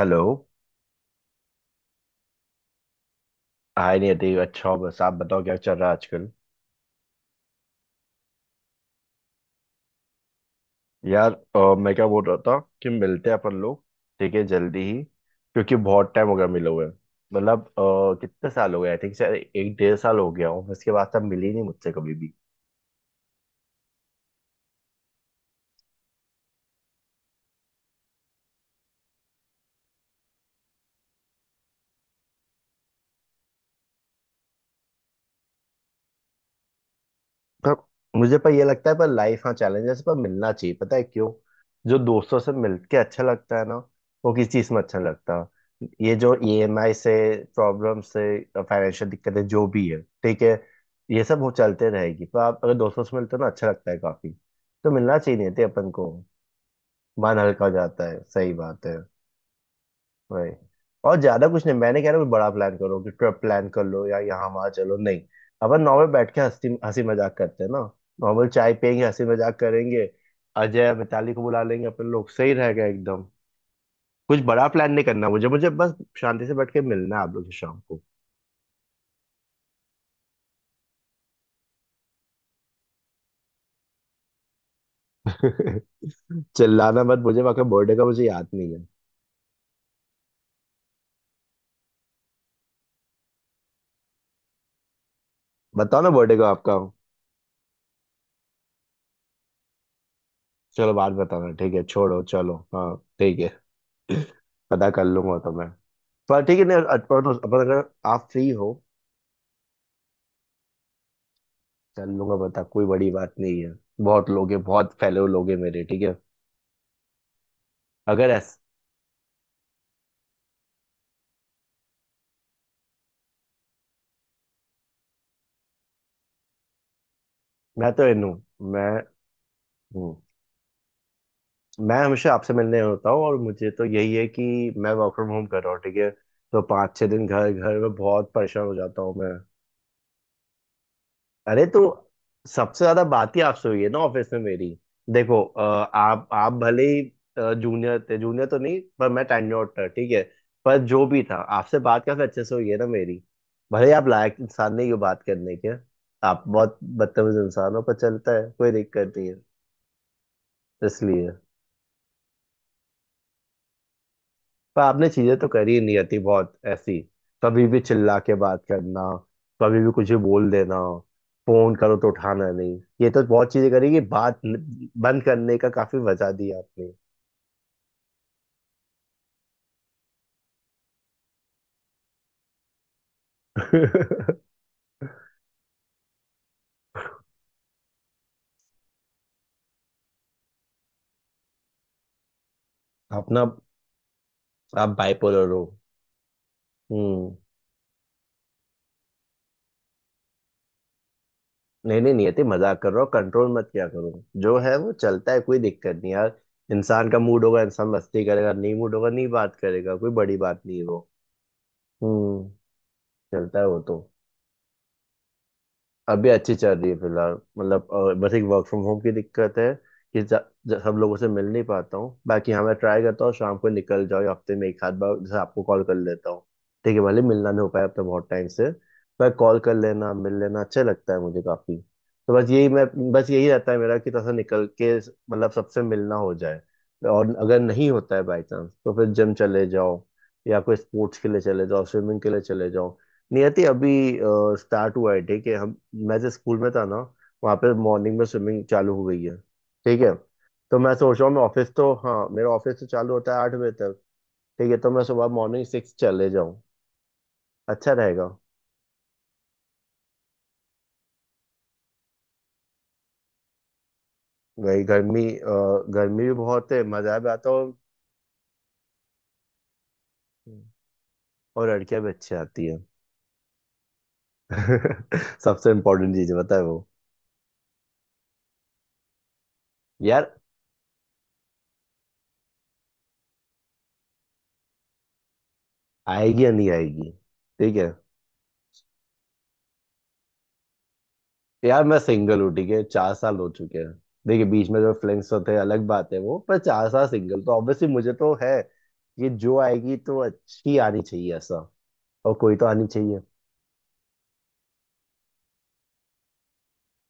Hello hi Niyati. अच्छा हो, बस आप बताओ क्या चल रहा है आजकल। यार, मैं क्या बोल रहा था कि मिलते हैं अपन लोग। ठीक है जल्दी ही, क्योंकि बहुत टाइम हो गया मिले हुए। मतलब कितने साल हो गए, आई थिंक शायद एक डेढ़ साल हो गया हूँ उसके बाद से, आप मिली नहीं मुझसे कभी भी। पर मुझे, पर ये लगता है, पर लाइफ, हाँ चैलेंजेस, पर मिलना चाहिए, पता है क्यों? जो दोस्तों से मिलके अच्छा लगता है ना, वो किसी चीज में अच्छा नहीं लगता। ये जो ईएमआई से, प्रॉब्लम से, फाइनेंशियल दिक्कतें जो भी है, ठीक है। ये सब वो चलते रहेगी, पर आप अगर दोस्तों से मिलते हो ना, अच्छा लगता है काफी। तो मिलना चाहिए, नहीं थे अपन को। मन हल्का हो जाता है, सही बात है, वही। और ज्यादा कुछ नहीं, मैंने कह रहा कुछ बड़ा प्लान करो कि ट्रिप प्लान कर लो या यहाँ वहां चलो, नहीं। अपन नॉर्मल बैठ के हंसी हंसी मजाक करते हैं ना। नॉर्मल चाय पियेंगे, हंसी मजाक करेंगे। अजय मिताली को बुला लेंगे अपन लोग, सही रहेगा एकदम। कुछ बड़ा प्लान नहीं करना, मुझे मुझे बस शांति से बैठ के मिलना है आप लोग से शाम को। चिल्लाना मत, मुझे आपका बर्थडे का मुझे याद नहीं है। बताओ ना बर्थडे का आपका। चलो बाद में बताना, ठीक है, छोड़ो, चलो, हाँ। ठीक है। पता कर लूंगा तो मैं। पर ठीक है, नहीं, अपन अपन अगर आप फ्री हो। चल लूंगा, बता, कोई बड़ी बात नहीं है। बहुत लोग हैं, बहुत फेलो लोग हैं मेरे, ठीक है। अगर ऐस मैं तो इन हूँ। मैं हूँ। मैं हमेशा आपसे मिलने होता हूँ, और मुझे तो यही है कि मैं वर्क फ्रॉम होम कर रहा हूँ, ठीक है। तो 5-6 दिन घर घर में बहुत परेशान हो जाता हूँ मैं। अरे, तो सबसे ज्यादा बात ही आपसे हुई है ना ऑफिस में मेरी। देखो, आप भले ही जूनियर थे, जूनियर तो नहीं पर मैं टेन्योर्ड था, ठीक है। पर जो भी था, आपसे बात काफी अच्छे से हुई है ना मेरी। भले ही आप लायक इंसान नहीं हो बात करने के, आप बहुत बदतमीज इंसान हो, पर चलता है, कोई दिक्कत नहीं है, इसलिए। पर आपने चीजें तो करी नहीं आती बहुत ऐसी, कभी भी चिल्ला के बात करना, कभी भी कुछ भी बोल देना, फोन करो तो उठाना नहीं, ये तो बहुत चीजें करी, कि बात बंद करने का काफी वजह दी आपने। अपना, आप बाइपोलर हो। हम्म। नहीं नहीं नहीं आती, मजाक कर रहा हो, कंट्रोल मत किया करो। जो है वो चलता है, कोई दिक्कत नहीं यार। इंसान का मूड होगा इंसान मस्ती करेगा, नहीं मूड होगा नहीं बात करेगा, कोई बड़ी बात नहीं है वो। हम्म चलता है वो तो। अभी अच्छी चल रही है फिलहाल। मतलब बस एक वर्क फ्रॉम होम की दिक्कत है कि सब लोगों से मिल नहीं पाता हूँ। बाकी हाँ, मैं ट्राई करता हूँ शाम को निकल जाओ, या हफ्ते में एक आध बार जैसे आपको कॉल कर लेता हूँ। ठीक है, भले मिलना नहीं हो पाया अब तो बहुत टाइम से। पर कॉल कर लेना, मिल लेना अच्छा लगता है मुझे काफी। तो बस यही मैं, बस यही रहता है मेरा, कि थोड़ा सा निकल के मतलब सबसे मिलना हो जाए। और अगर नहीं होता है बाई चांस तो फिर जिम चले जाओ, या कोई स्पोर्ट्स के लिए चले जाओ, स्विमिंग के लिए चले जाओ। नियति अभी स्टार्ट हुआ है, ठीक है हम। मैं जिस स्कूल में था ना, वहाँ पे मॉर्निंग में स्विमिंग चालू हो गई है, ठीक है। तो मैं सोच रहा हूँ, मैं ऑफिस तो, हाँ मेरा ऑफिस तो चालू होता है 8 बजे तक, ठीक है। तो मैं सुबह मॉर्निंग 6 चले जाऊँ, अच्छा रहेगा। वही गर्मी, गर्मी भी बहुत है, मजा भी आता हो, और लड़कियां भी अच्छी आती है। सबसे इम्पोर्टेंट चीज है, पता है वो। यार आएगी या नहीं आएगी, ठीक है। यार मैं सिंगल हूँ, ठीक है, 4 साल हो चुके हैं। देखिए बीच में जो फ्लिंग्स होते हैं अलग बात है वो, पर 4 साल सिंगल तो ऑब्वियसली मुझे तो है। ये जो आएगी तो अच्छी आनी चाहिए, ऐसा, और कोई तो आनी चाहिए।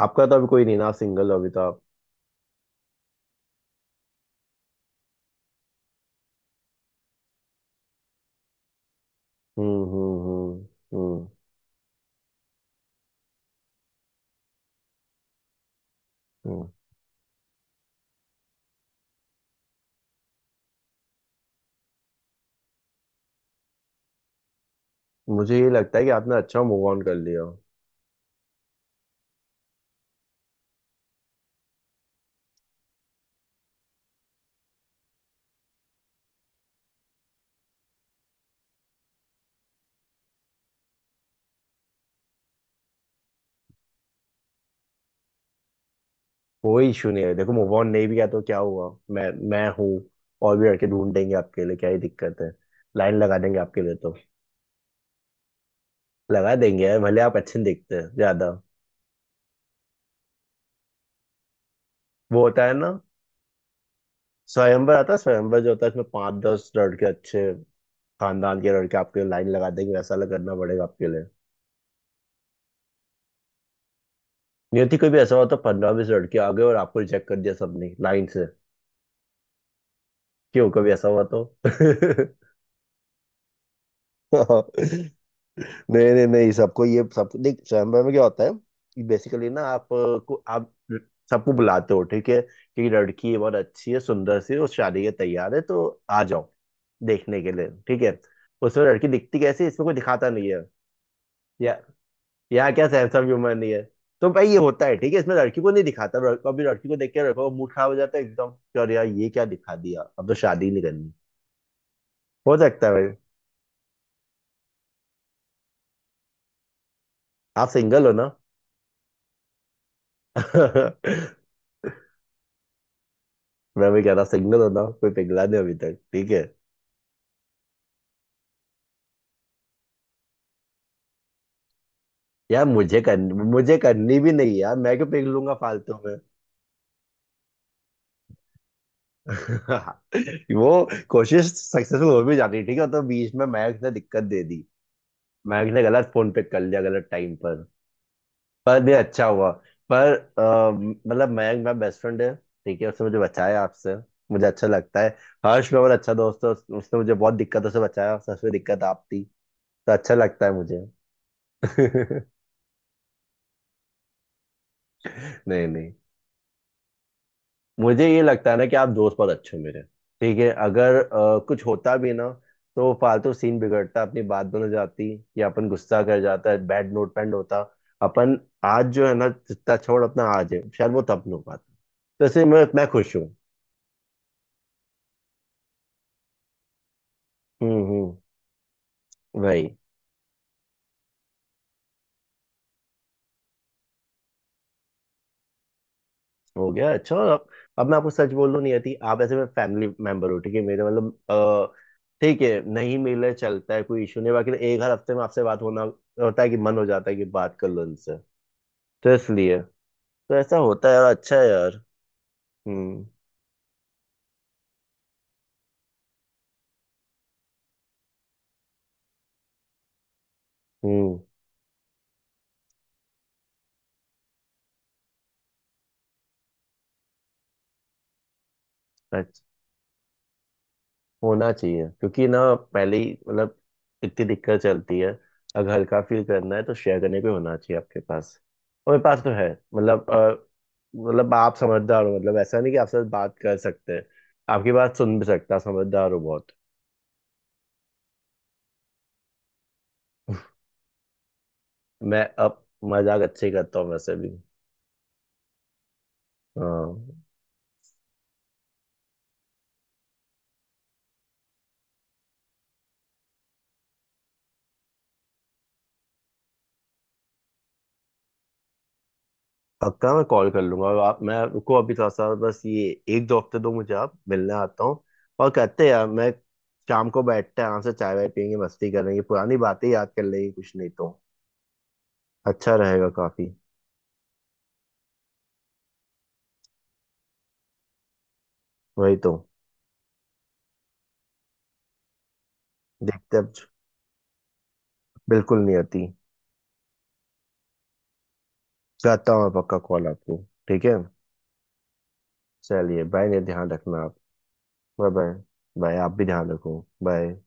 आपका तो अभी कोई नहीं ना, आप सिंगल हो अभी तो आप। हम्म, हम्म, हम्म, हम्म, मुझे ये लगता है कि आपने अच्छा मूव ऑन कर लिया। कोई इशू नहीं है, देखो मूव ऑन नहीं भी किया तो क्या हुआ, मैं हूँ, और भी लड़के ढूंढ देंगे आपके लिए, क्या ही दिक्कत है। लाइन लगा देंगे आपके लिए, तो लगा देंगे यार, भले आप अच्छे नहीं दिखते हैं ज्यादा। वो होता है ना स्वयंवर, आता है स्वयंवर, जो होता है इसमें 5-10 लड़के, अच्छे खानदान के लड़के आपके लिए लाइन लगा देंगे, ऐसा करना पड़ेगा आपके लिए। नियति कोई भी ऐसा हुआ तो 15-20 लड़के आ गए और आपको रिजेक्ट कर दिया सबने लाइन से, क्यों? कभी ऐसा हुआ तो? नहीं नहीं नहीं, सबको, ये सब देख स्वयंवर में क्या होता है कि बेसिकली ना आप सबको बुलाते हो, ठीक है, कि लड़की ये बहुत अच्छी है, सुंदर सी है, वो शादी के तैयार है, तो आ जाओ देखने के लिए, ठीक है। उसमें लड़की दिखती कैसी है, इसमें कोई दिखाता नहीं है। या यार, क्या सैमसम ह्यूमर नहीं है। तो भाई ये होता है, ठीक है, इसमें लड़की को नहीं दिखाता, कभी लड़की को देख के लड़का का मूड खराब हो जाता है एकदम, कि अरे यार ये क्या दिखा दिया, अब तो शादी नहीं करनी। हो सकता है भाई, आप सिंगल हो ना। मैं भी कह रहा, सिंगल हो ना, कोई पिघला नहीं अभी तक, ठीक है। यार, मुझे करनी भी नहीं यार, मैं क्यों पिघलूंगा फालतू में। वो कोशिश सक्सेसफुल हो भी जाती है, ठीक है, तो बीच में महक ने दिक्कत दे दी, महक ने गलत फोन पे कर लिया गलत टाइम। पर ये अच्छा हुआ। पर मतलब मयंक मेरा बेस्ट फ्रेंड है, ठीक है, उसने मुझे बचाया आपसे, मुझे अच्छा लगता है। हर्ष मेरा मेरा अच्छा दोस्त है, उसने मुझे बहुत दिक्कतों से बचाया, सबसे दिक्कत आप थी, तो अच्छा लगता है मुझे। नहीं नहीं, मुझे ये लगता है ना कि आप दोस्त बहुत अच्छे हो मेरे, ठीक है। अगर कुछ होता भी ना, तो फालतू सीन बिगड़ता, अपनी बात बन जाती, या अपन गुस्सा कर जाता है, बैड नोट पेंड होता। अपन आज जो है ना जितना, छोड़ अपना, आज है, शायद वो तब नहीं हो पाता। तो इसलिए मैं खुश हूँ। हम्म, हम्म, वही। हो गया अच्छा, और अब मैं आपको सच बोल रहा नहीं आती, आप ऐसे में फैमिली मेंबर हो, ठीक है मेरे, मतलब ठीक है नहीं मिले चलता है कोई इशू नहीं, बाकी तो एक हर हफ्ते में आपसे बात होना होता है, कि मन हो जाता है कि बात कर लो उनसे, तो इसलिए, तो ऐसा होता है, और अच्छा है यार। हम्म, हम्म, अच्छा। होना चाहिए, क्योंकि ना पहले ही मतलब इतनी दिक्कत चलती है, अगर हल्का फील करना है तो शेयर करने पे होना चाहिए आपके पास, और मेरे पास तो है। मतलब अ, मतलब आप समझदार हो, मतलब ऐसा नहीं कि आपसे बात कर सकते हैं, आपकी बात सुन भी सकता, समझदार हो बहुत। मैं अब मजाक अच्छे ही करता हूँ वैसे भी। हाँ। पक्का मैं कॉल कर लूंगा, और आप, मैं रुको अभी थोड़ा सा बस ये, 1-2 हफ्ते दो मुझे, आप मिलने आता हूँ, और कहते हैं यार मैं, शाम को बैठते हैं आराम से, चाय वाय पियेंगे, मस्ती करेंगे, पुरानी बातें याद कर लेंगे, कुछ नहीं तो अच्छा रहेगा काफी। वही तो। देखते हैं, अब। बिल्कुल नहीं आती, करता हूँ मैं पक्का कॉल आपको, ठीक है। चलिए बाय, ने ध्यान रखना आप। Bye bye. बाय, आप भी ध्यान रखो, बाय।